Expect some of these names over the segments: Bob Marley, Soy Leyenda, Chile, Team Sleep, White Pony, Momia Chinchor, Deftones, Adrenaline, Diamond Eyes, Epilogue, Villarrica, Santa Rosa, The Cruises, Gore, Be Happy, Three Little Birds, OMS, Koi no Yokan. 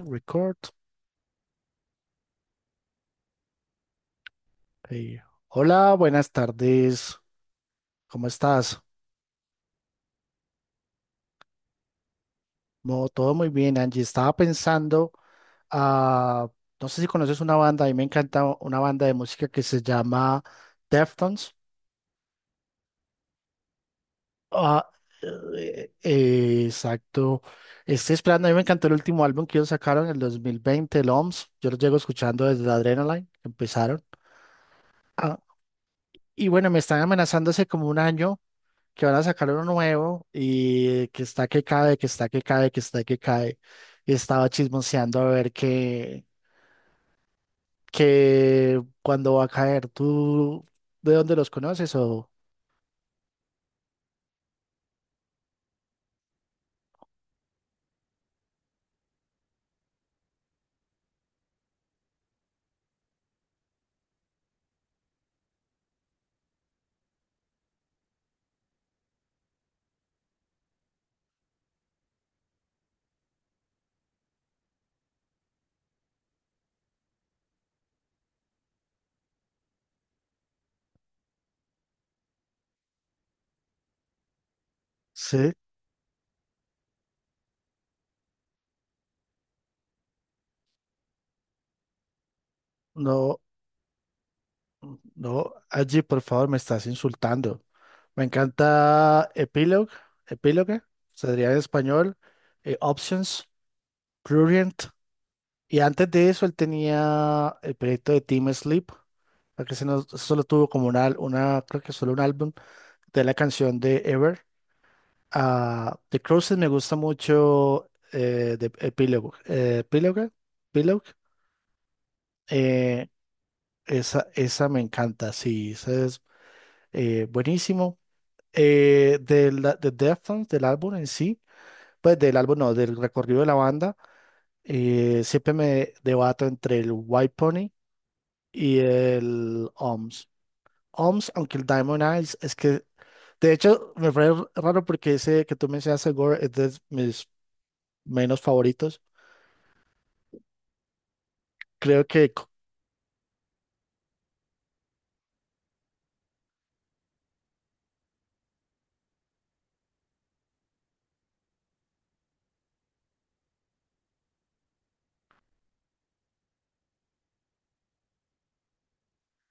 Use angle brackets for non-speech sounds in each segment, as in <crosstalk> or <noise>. Record. Hey. Hola, buenas tardes. ¿Cómo estás? No, todo muy bien, Angie. Estaba pensando, ah, no sé si conoces una banda, a mí me encanta una banda de música que se llama Deftones. Ah, exacto. Estoy esperando, a mí me encantó el último álbum que ellos sacaron en el 2020, el OMS. Yo los llego escuchando desde Adrenaline, que empezaron. Ah, y bueno, me están amenazando hace como un año que van a sacar uno nuevo y que está que cae, que está que cae, que está que cae. Y estaba chismoseando a ver que, cuando va a caer, ¿tú de dónde los conoces? O, sí, no, no, allí por favor me estás insultando. Me encanta Epilogue, Epilogue, sería en español, Options, Prurient. Y antes de eso, él tenía el proyecto de Team Sleep, la que solo tuvo como una, creo que solo un álbum de la canción de Ever. The Cruises me gusta mucho, de Epilogue. Epilogue, Epilogue, eh, esa, esa me encanta, sí, esa es, buenísimo. De Deftones, del álbum en sí, pues del álbum no, del recorrido de la banda, siempre me debato entre el White Pony y el OMS. OMS, aunque el Diamond Eyes, es que, de hecho, me fue raro porque ese que tú mencionaste, Gore, es de mis menos favoritos. Creo que c-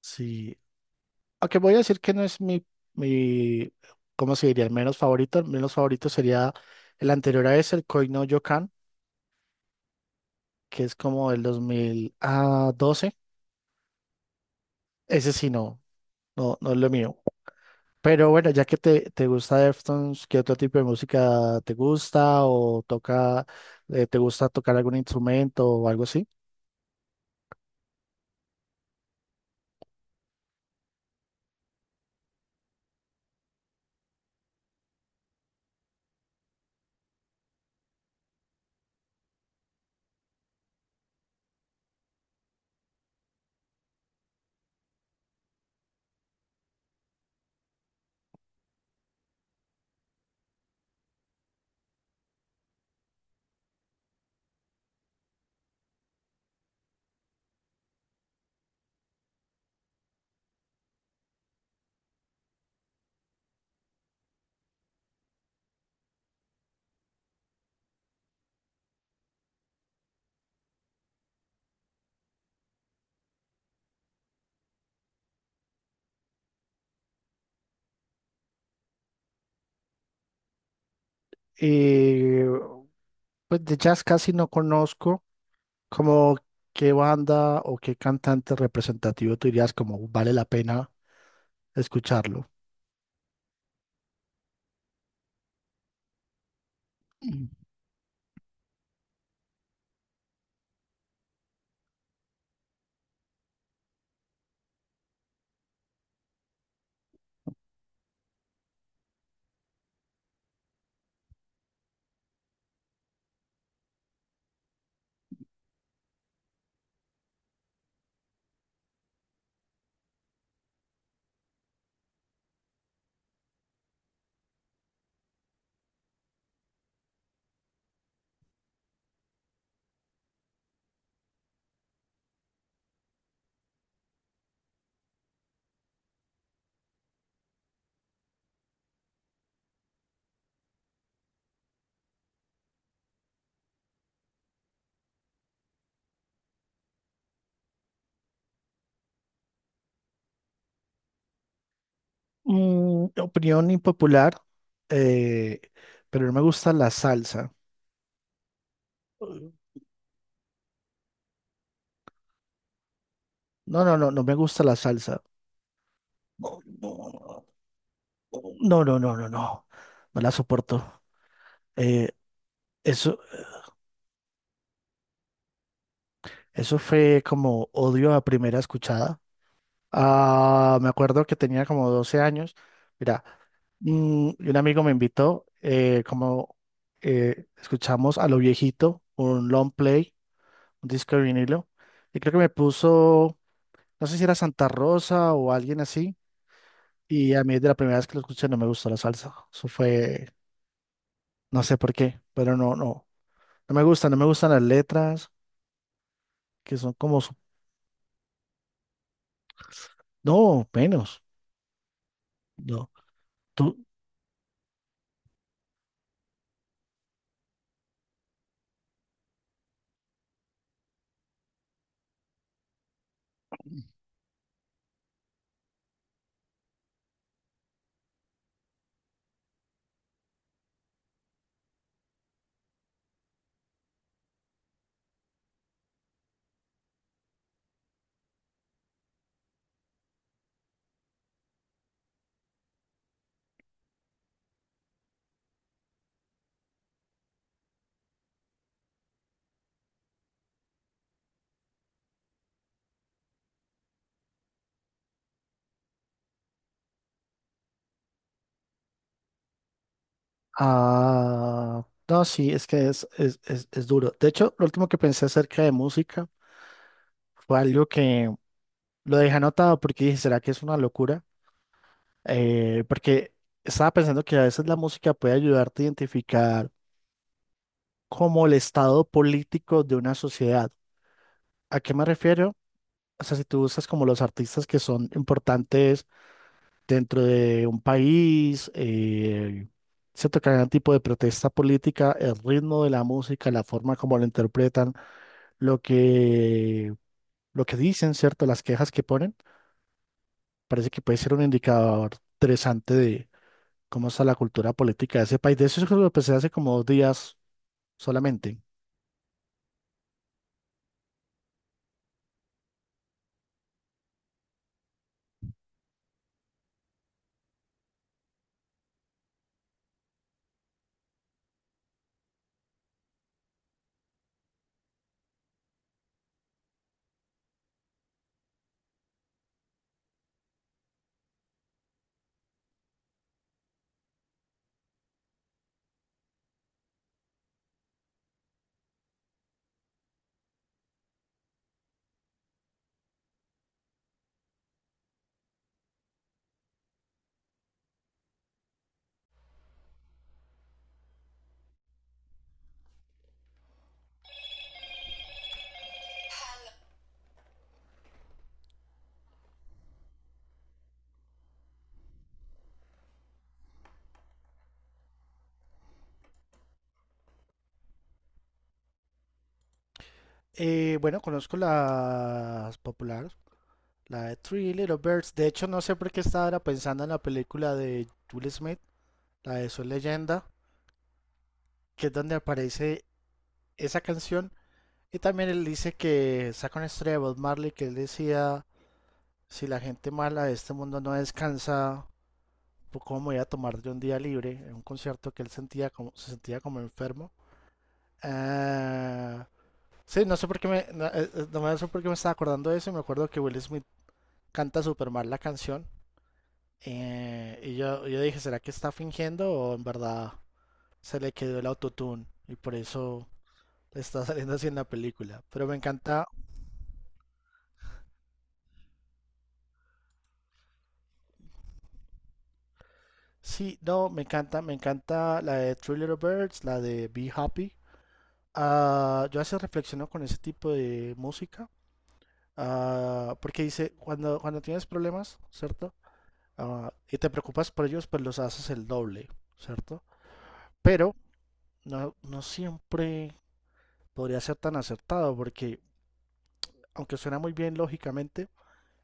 sí, aunque voy a decir que no es mi, mi, ¿cómo se diría? El menos favorito. El menos favorito sería el anterior a ese, el Koi no Yokan, que es como el 2012. Ese sí no, no, no es lo mío. Pero bueno, ya que te gusta Deftones, ¿qué otro tipo de música te gusta o toca, te gusta tocar algún instrumento o algo así? Y pues de jazz casi no conozco, como qué banda o qué cantante representativo tú dirías como vale la pena escucharlo. Opinión impopular, eh, pero no me gusta la salsa. No, no, no, no me gusta la salsa. No, no, no, no, no. No la soporto. Eh, Eso, eso fue como odio a primera escuchada. Me acuerdo que tenía como 12 años. Mira, y un amigo me invitó, como escuchamos a lo viejito, un long play, un disco de vinilo. Y creo que me puso, no sé si era Santa Rosa o alguien así. Y a mí de la primera vez que lo escuché no me gustó la salsa. Eso fue, no sé por qué, pero no, no. No me gustan las letras que son como, no, menos, no, tú, no, sí, es que es, duro. De hecho, lo último que pensé acerca de música fue algo que lo dejé anotado porque dije, ¿será que es una locura? Porque estaba pensando que a veces la música puede ayudarte a identificar como el estado político de una sociedad. ¿A qué me refiero? O sea, si tú usas como los artistas que son importantes dentro de un país, cierto cada tipo de protesta política, el ritmo de la música, la forma como lo interpretan, lo que, lo que dicen, ¿cierto? Las quejas que ponen, parece que puede ser un indicador interesante de cómo está la cultura política de ese país. De eso es lo que empecé hace como 2 días solamente. Bueno, conozco las populares, la de Three Little Birds. De hecho, no sé por qué estaba ahora pensando en la película de Will Smith, la de Soy Leyenda, que es donde aparece esa canción. Y también él dice que saca una historia de Bob Marley que él decía, si la gente mala de este mundo no descansa, pues cómo me voy a tomar de un día libre, en un concierto que él sentía como, se sentía como enfermo. Ah, sí, no sé por qué me, no, sé por qué me estaba acordando de eso, y me acuerdo que Will Smith canta super mal la canción. Y yo dije, ¿será que está fingiendo o en verdad se le quedó el autotune? Y por eso está <laughs> saliendo así en la película. Pero me encanta. Sí, no, me encanta la de Three Little Birds, la de Be Happy. Yo a veces reflexiono con ese tipo de música, porque dice, cuando tienes problemas, ¿cierto? Y te preocupas por ellos, pues los haces el doble, ¿cierto? Pero no, no siempre podría ser tan acertado, porque aunque suena muy bien lógicamente,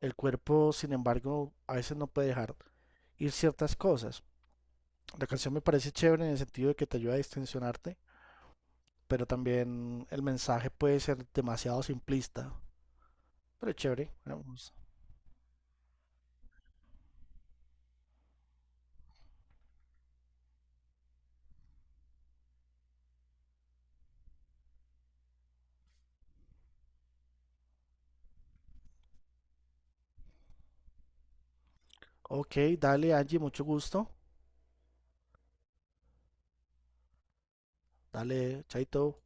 el cuerpo, sin embargo, a veces no puede dejar ir ciertas cosas. La canción me parece chévere en el sentido de que te ayuda a distensionarte, pero también el mensaje puede ser demasiado simplista, pero es chévere. Vamos. Ok, dale Angie, mucho gusto. Dale, chaito.